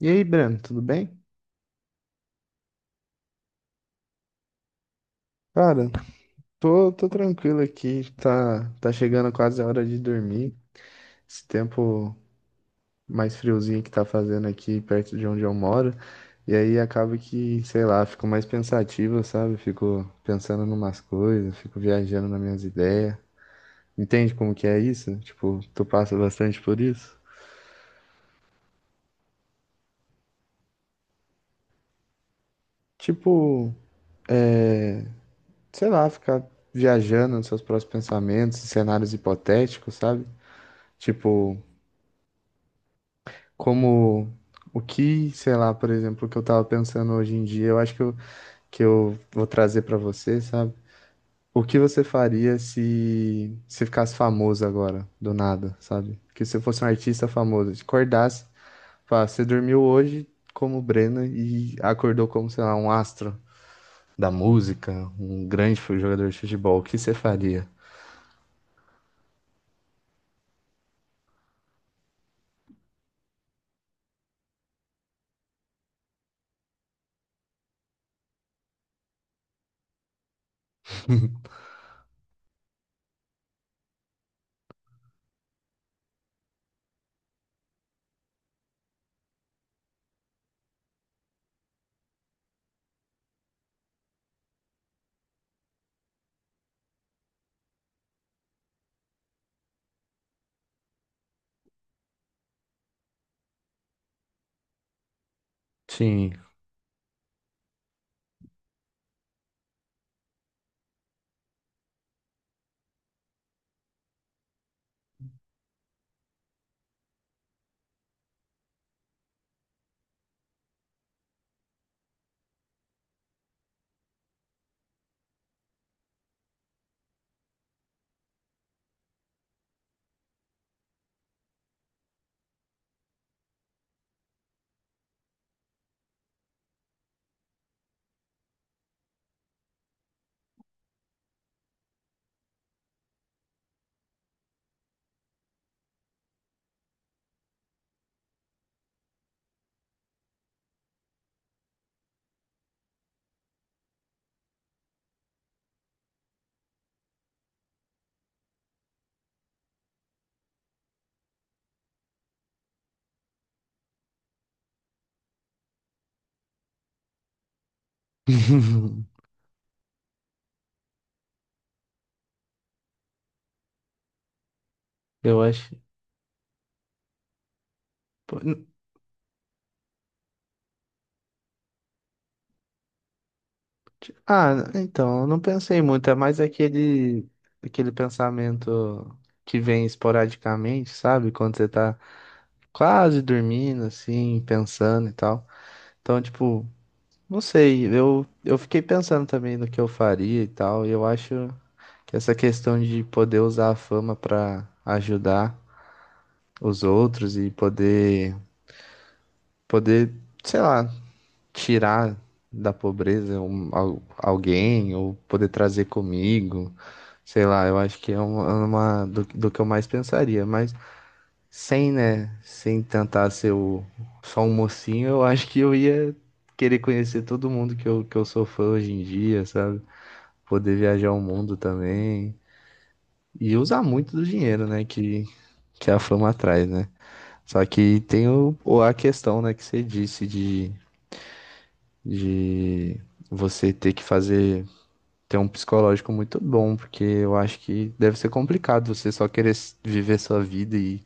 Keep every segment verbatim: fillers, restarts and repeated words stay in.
E aí, Breno, tudo bem? Cara, tô, tô tranquilo aqui. Tá, tá chegando quase a hora de dormir. Esse tempo mais friozinho que tá fazendo aqui perto de onde eu moro. E aí acaba que, sei lá, fico mais pensativo, sabe? Fico pensando em umas coisas, fico viajando nas minhas ideias. Entende como que é isso? Tipo, tu passa bastante por isso? Tipo, sei lá, ficar viajando nos seus próprios pensamentos, cenários hipotéticos, sabe? Tipo, como o que, sei lá, por exemplo, o que eu tava pensando hoje em dia, eu acho que eu, que eu vou trazer pra você, sabe? O que você faria se se ficasse famoso agora, do nada, sabe? Que você fosse um artista famoso, te acordasse, falasse, você dormiu hoje como Breno e acordou como, sei lá, um astro da música, um grande fu- jogador de futebol, o que você faria? Sim. Eu acho. Ah, então, eu não pensei muito, é mais aquele, aquele pensamento que vem esporadicamente, sabe? Quando você tá quase dormindo, assim, pensando e tal. Então, tipo, não sei, eu, eu fiquei pensando também no que eu faria e tal, e eu acho que essa questão de poder usar a fama pra ajudar os outros e poder, poder, sei lá, tirar da pobreza um, al- alguém ou poder trazer comigo. Sei lá, eu acho que é uma, uma do, do que eu mais pensaria, mas sem, né, sem tentar ser o, só um mocinho, eu acho que eu ia querer conhecer todo mundo que eu, que eu sou fã hoje em dia, sabe? Poder viajar o mundo também e usar muito do dinheiro, né, que, que a fama traz, né? Só que tem o, o- a questão, né, que você disse de, de você ter que fazer. Tem um psicológico muito bom, porque eu acho que deve ser complicado você só querer s- viver sua vida e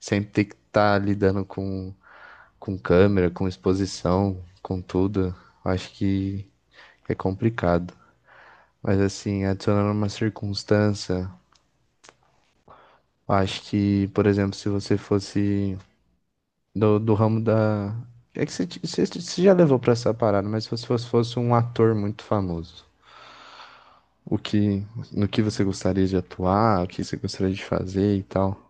sempre ter que estar lidando com, com câmera, com exposição, com tudo. Eu acho que é complicado. Mas assim, adicionando uma circunstância, eu acho que, por exemplo, se você fosse do, do ramo da. É que você, t- você, você já levou pra essa parada, mas se você fosse, fosse um ator muito famoso, o que, no que você gostaria de atuar, o que você gostaria de fazer e tal.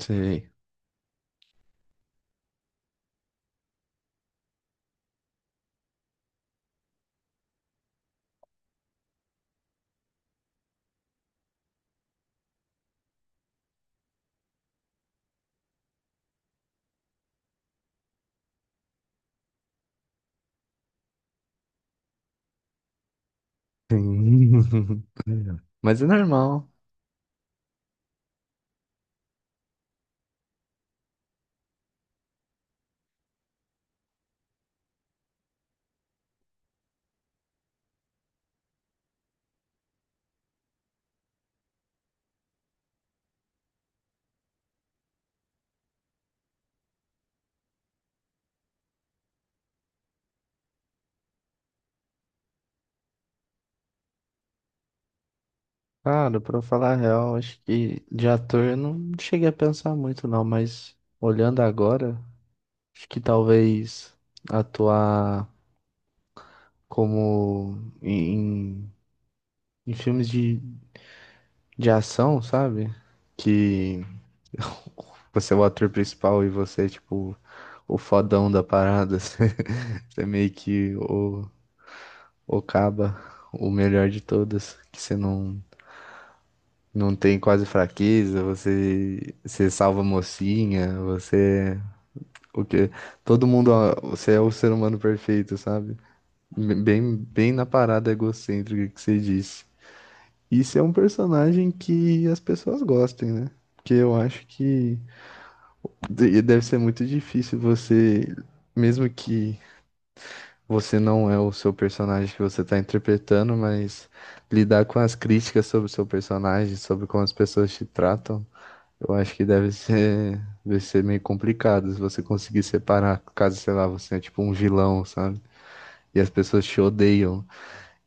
Sei. Sim. Mas é normal. Cara, pra falar a real, acho que de ator eu não cheguei a pensar muito, não, mas olhando agora, acho que talvez atuar como em, em em filmes de, de ação, sabe? Que você é o ator principal e você é tipo o fodão da parada. Você é meio que o, o caba, o melhor de todas, que você não. Não tem quase fraqueza, você, você, salva a mocinha, você, o quê? Todo mundo, ó, você é o ser humano perfeito, sabe? Bem, bem na parada egocêntrica que você disse. Isso é um personagem que as pessoas gostem, né? Porque eu acho que de- deve ser muito difícil você, mesmo que você não é o seu personagem que você está interpretando, mas lidar com as críticas sobre o seu personagem, sobre como as pessoas te tratam. Eu acho que deve ser, deve ser meio complicado se você conseguir separar, caso, sei lá, você é tipo um vilão, sabe? E as pessoas te odeiam.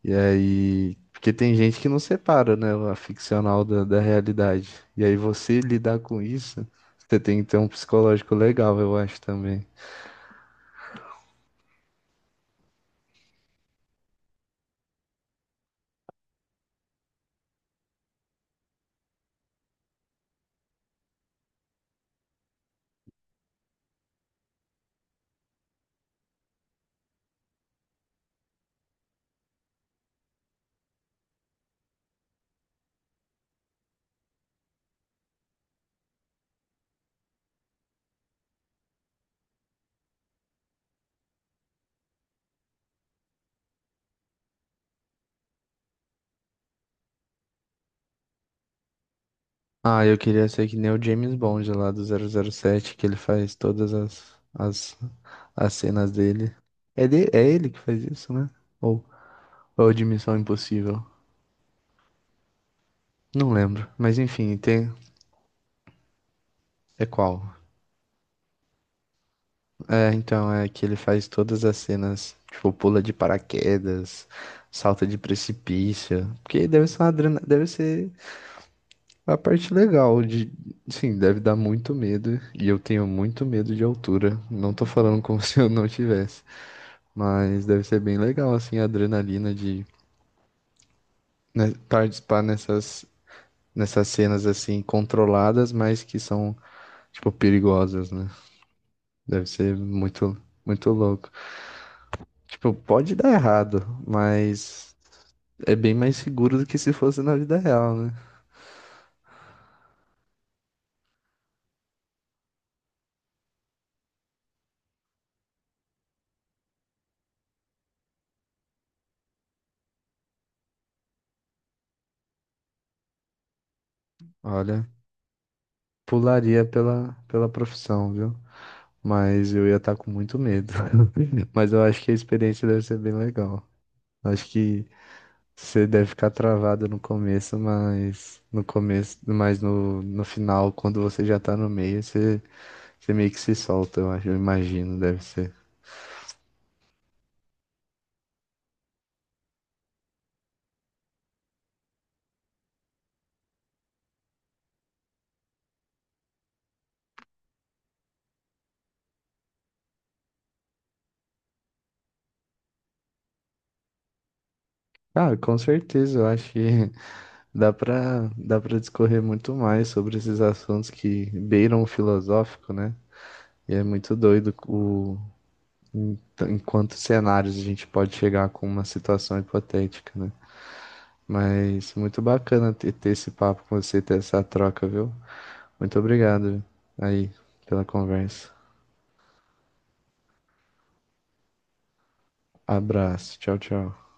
E aí. Porque tem gente que não separa, né? A ficcional da, da realidade. E aí você lidar com isso, você tem que ter um psicológico legal, eu acho também. Ah, eu queria ser que nem o James Bond lá do zero zero sete que ele faz todas as, as, as cenas dele. É, de, é ele que faz isso, né? Ou, ou de Missão Impossível. Não lembro, mas enfim, tem. É qual? É, então, é que ele faz todas as cenas, tipo, pula de paraquedas, salta de precipício. Porque deve ser uma adrena... deve ser a parte legal de. Sim, deve dar muito medo. E eu tenho muito medo de altura. Não tô falando como se eu não tivesse. Mas deve ser bem legal, assim, a adrenalina de né, participar nessas, nessas, cenas, assim, controladas, mas que são, tipo, perigosas, né? Deve ser muito, muito louco. Tipo, pode dar errado, mas é bem mais seguro do que se fosse na vida real, né? Olha, pularia pela, pela profissão, viu? Mas eu ia estar com muito medo. Mas eu acho que a experiência deve ser bem legal. Acho que você deve ficar travado no começo, mas no começo, mas no, no final, quando você já tá no meio, você, você meio que se solta, eu acho, eu imagino, deve ser. Ah, com certeza, eu acho que Dá pra, dá pra discorrer muito mais sobre esses assuntos que beiram o filosófico, né? E é muito doido o, em, em quantos cenários a gente pode chegar com uma situação hipotética, né? Mas muito bacana ter, ter esse papo com você, ter essa troca, viu? Muito obrigado aí pela conversa. Abraço, tchau, tchau.